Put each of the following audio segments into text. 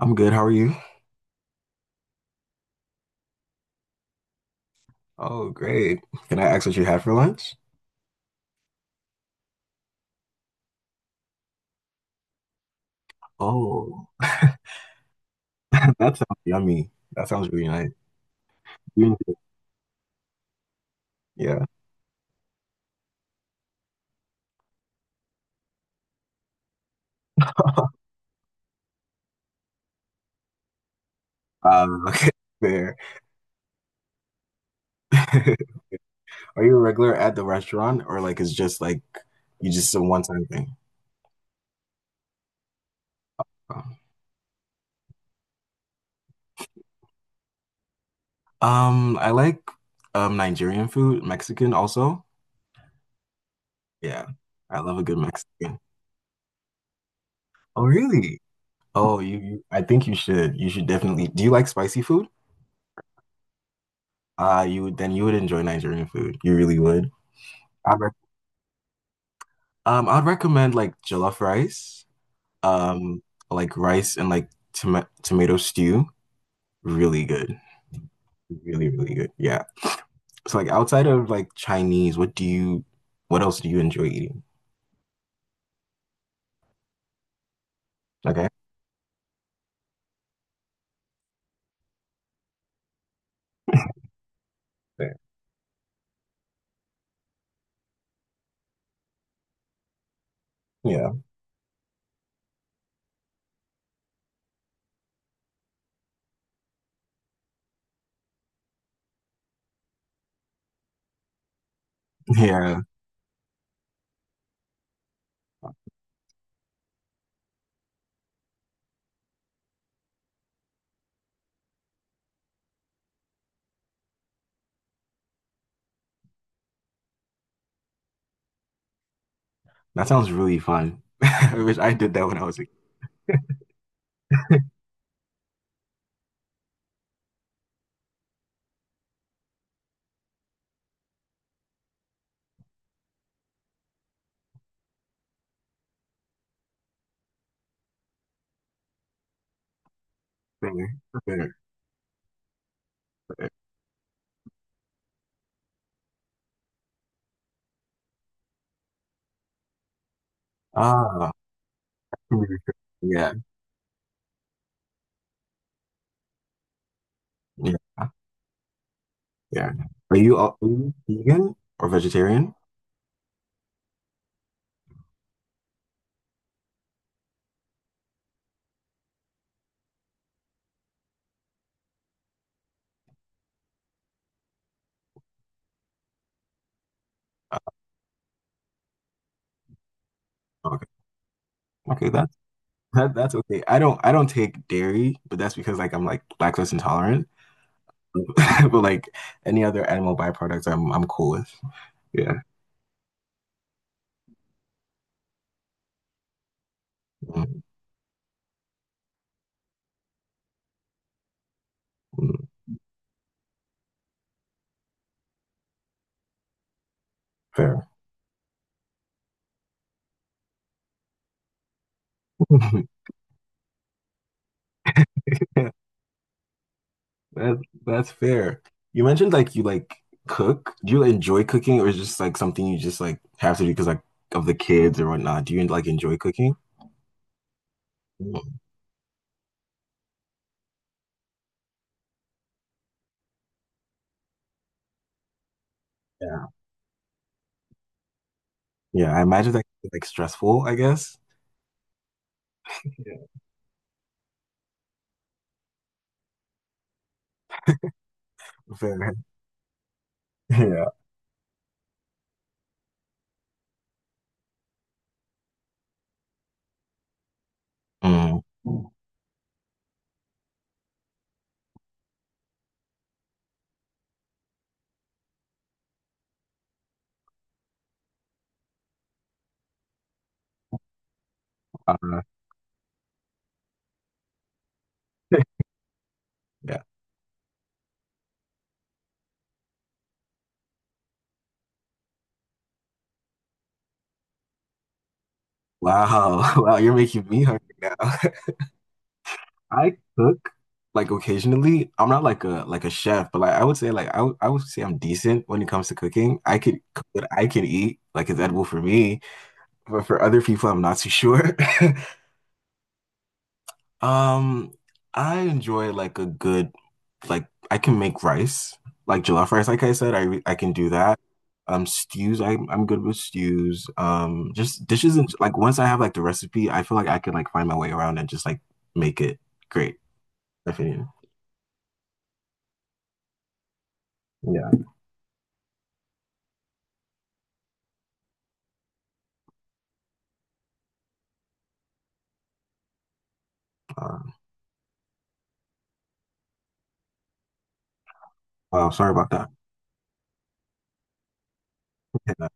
I'm good. How are you? Oh, great. Can I ask what you had for lunch? Oh, that sounds yummy. That sounds really nice. You- enjoy- Yeah. Okay, fair. Are you a regular at the restaurant, or like it's just like you just a one-time thing? I like Nigerian food, Mexican also. Yeah. I love a good Mexican. Oh, really? Oh, you I think you should. You should definitely. Do you like spicy food? Then you would enjoy Nigerian food. You really would. I'd recommend like jollof rice, um, like rice and like tomato stew. Really good. Really, really good. Yeah. So like outside of like Chinese, what else do you enjoy eating? Okay. Fair. Yeah. Yeah. That sounds really fun. I wish I did that when I was a kid. Fair, fair, fair. Ah, yeah, yeah, yeah. Are you vegan or vegetarian? Uh, Okay. Okay, that's okay. I don't take dairy, but that's because like I'm like lactose intolerant. But like any other animal byproducts, I'm cool with. Yeah. Mm, mm, fair. Yeah. That that's fair. You mentioned like you like cook. Do you enjoy cooking, or is just like something you just like have to do because like of the kids or whatnot? Do you like enjoy cooking? Mm. Yeah, yeah. I imagine that could be like stressful, I guess. Yeah. Fair. Yeah. Mm, uh, yeah. Wow. Wow. You're making me hungry now. I cook like occasionally. I'm not like a chef, but like I would say like I would say I'm decent when it comes to cooking. I could cook what I can eat, like it's edible for me, but for other people, I'm not too sure. Um, I enjoy like a good like I can make rice, like jollof rice, like I said, I can do that. Stews, I'm good with stews. Just dishes, and like once I have like the recipe, I feel like I can like find my way around and just like make it great. Definitely. Yeah. uh, Wow, sorry about that. And,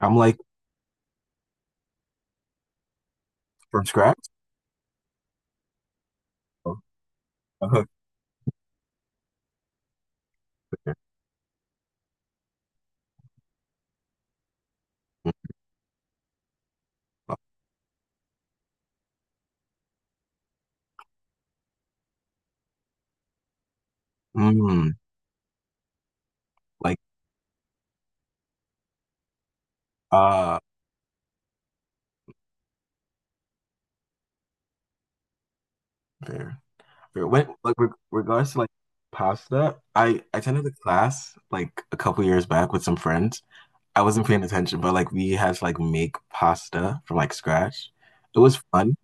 I'm like from scratch. so- uh, Mm, like uh fair. Fair. When like regards to like pasta, I attended a class like a couple years back with some friends. I wasn't paying attention, but like we had to like make pasta from like scratch. It was fun.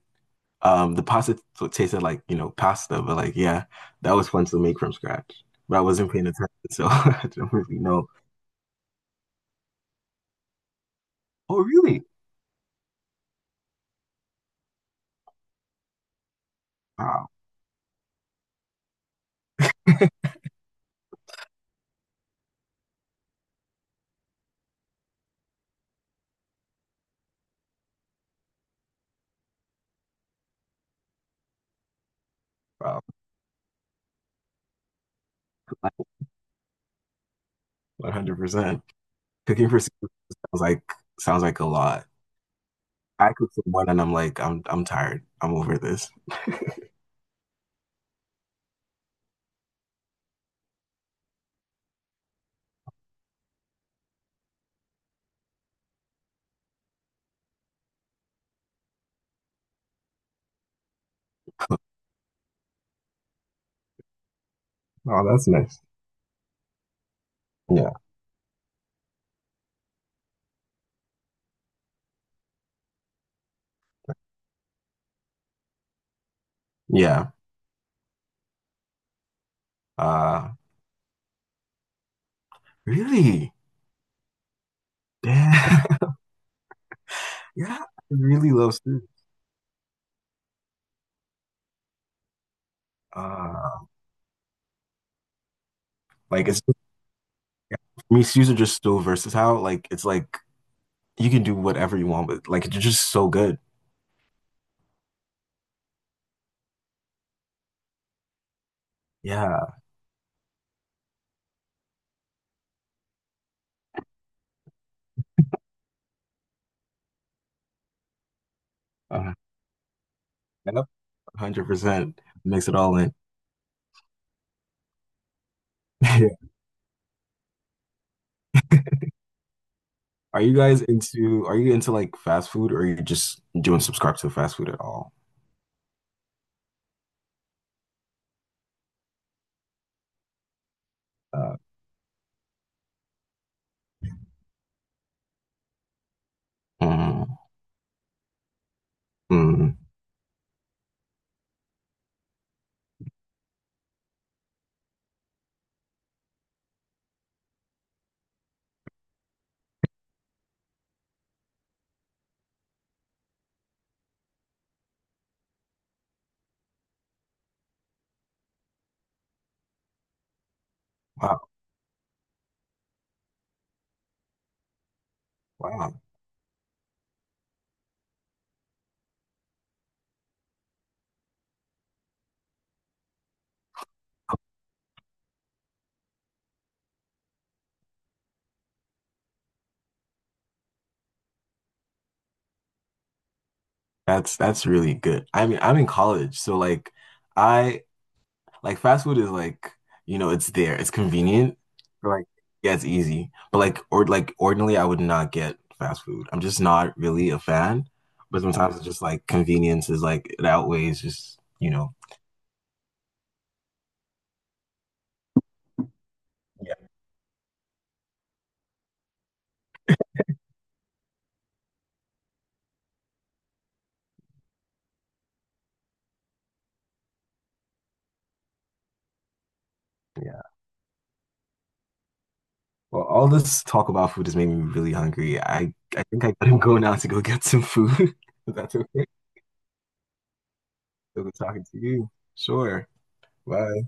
The pasta t tasted like, pasta, but like yeah, that was fun to make from scratch. But I wasn't paying attention, so I don't really know. Oh, really? Wow, wow, 100%. Cooking for six people sounds like sounds like a lot. I cook for one and I'm like, I'm tired. I'm over this. Oh, that's nice. Yeah. Yeah. Uh Really? Damn. Yeah. I really love stews. Uh like it's for me, stews are just so versatile. Like it's like you can do whatever you want, but like it's just so good. Yeah. Uh, and 100% mix it all in. Yeah. Are you guys into are you into like fast food, or you just don't subscribe to fast food at all? Uh, mm. Mm, wow, wow. That's really good. I mean, I'm in college, so like I like fast food is like, it's there. It's convenient. Like, yeah, it's easy. But like ordinarily I would not get fast food. I'm just not really a fan. But sometimes it's just like convenience is like it outweighs just. Yeah. Yeah. Well, all this talk about food has made me really hungry. I think I gotta go now to go get some food. If that's okay. It was talking to you. Sure. Bye.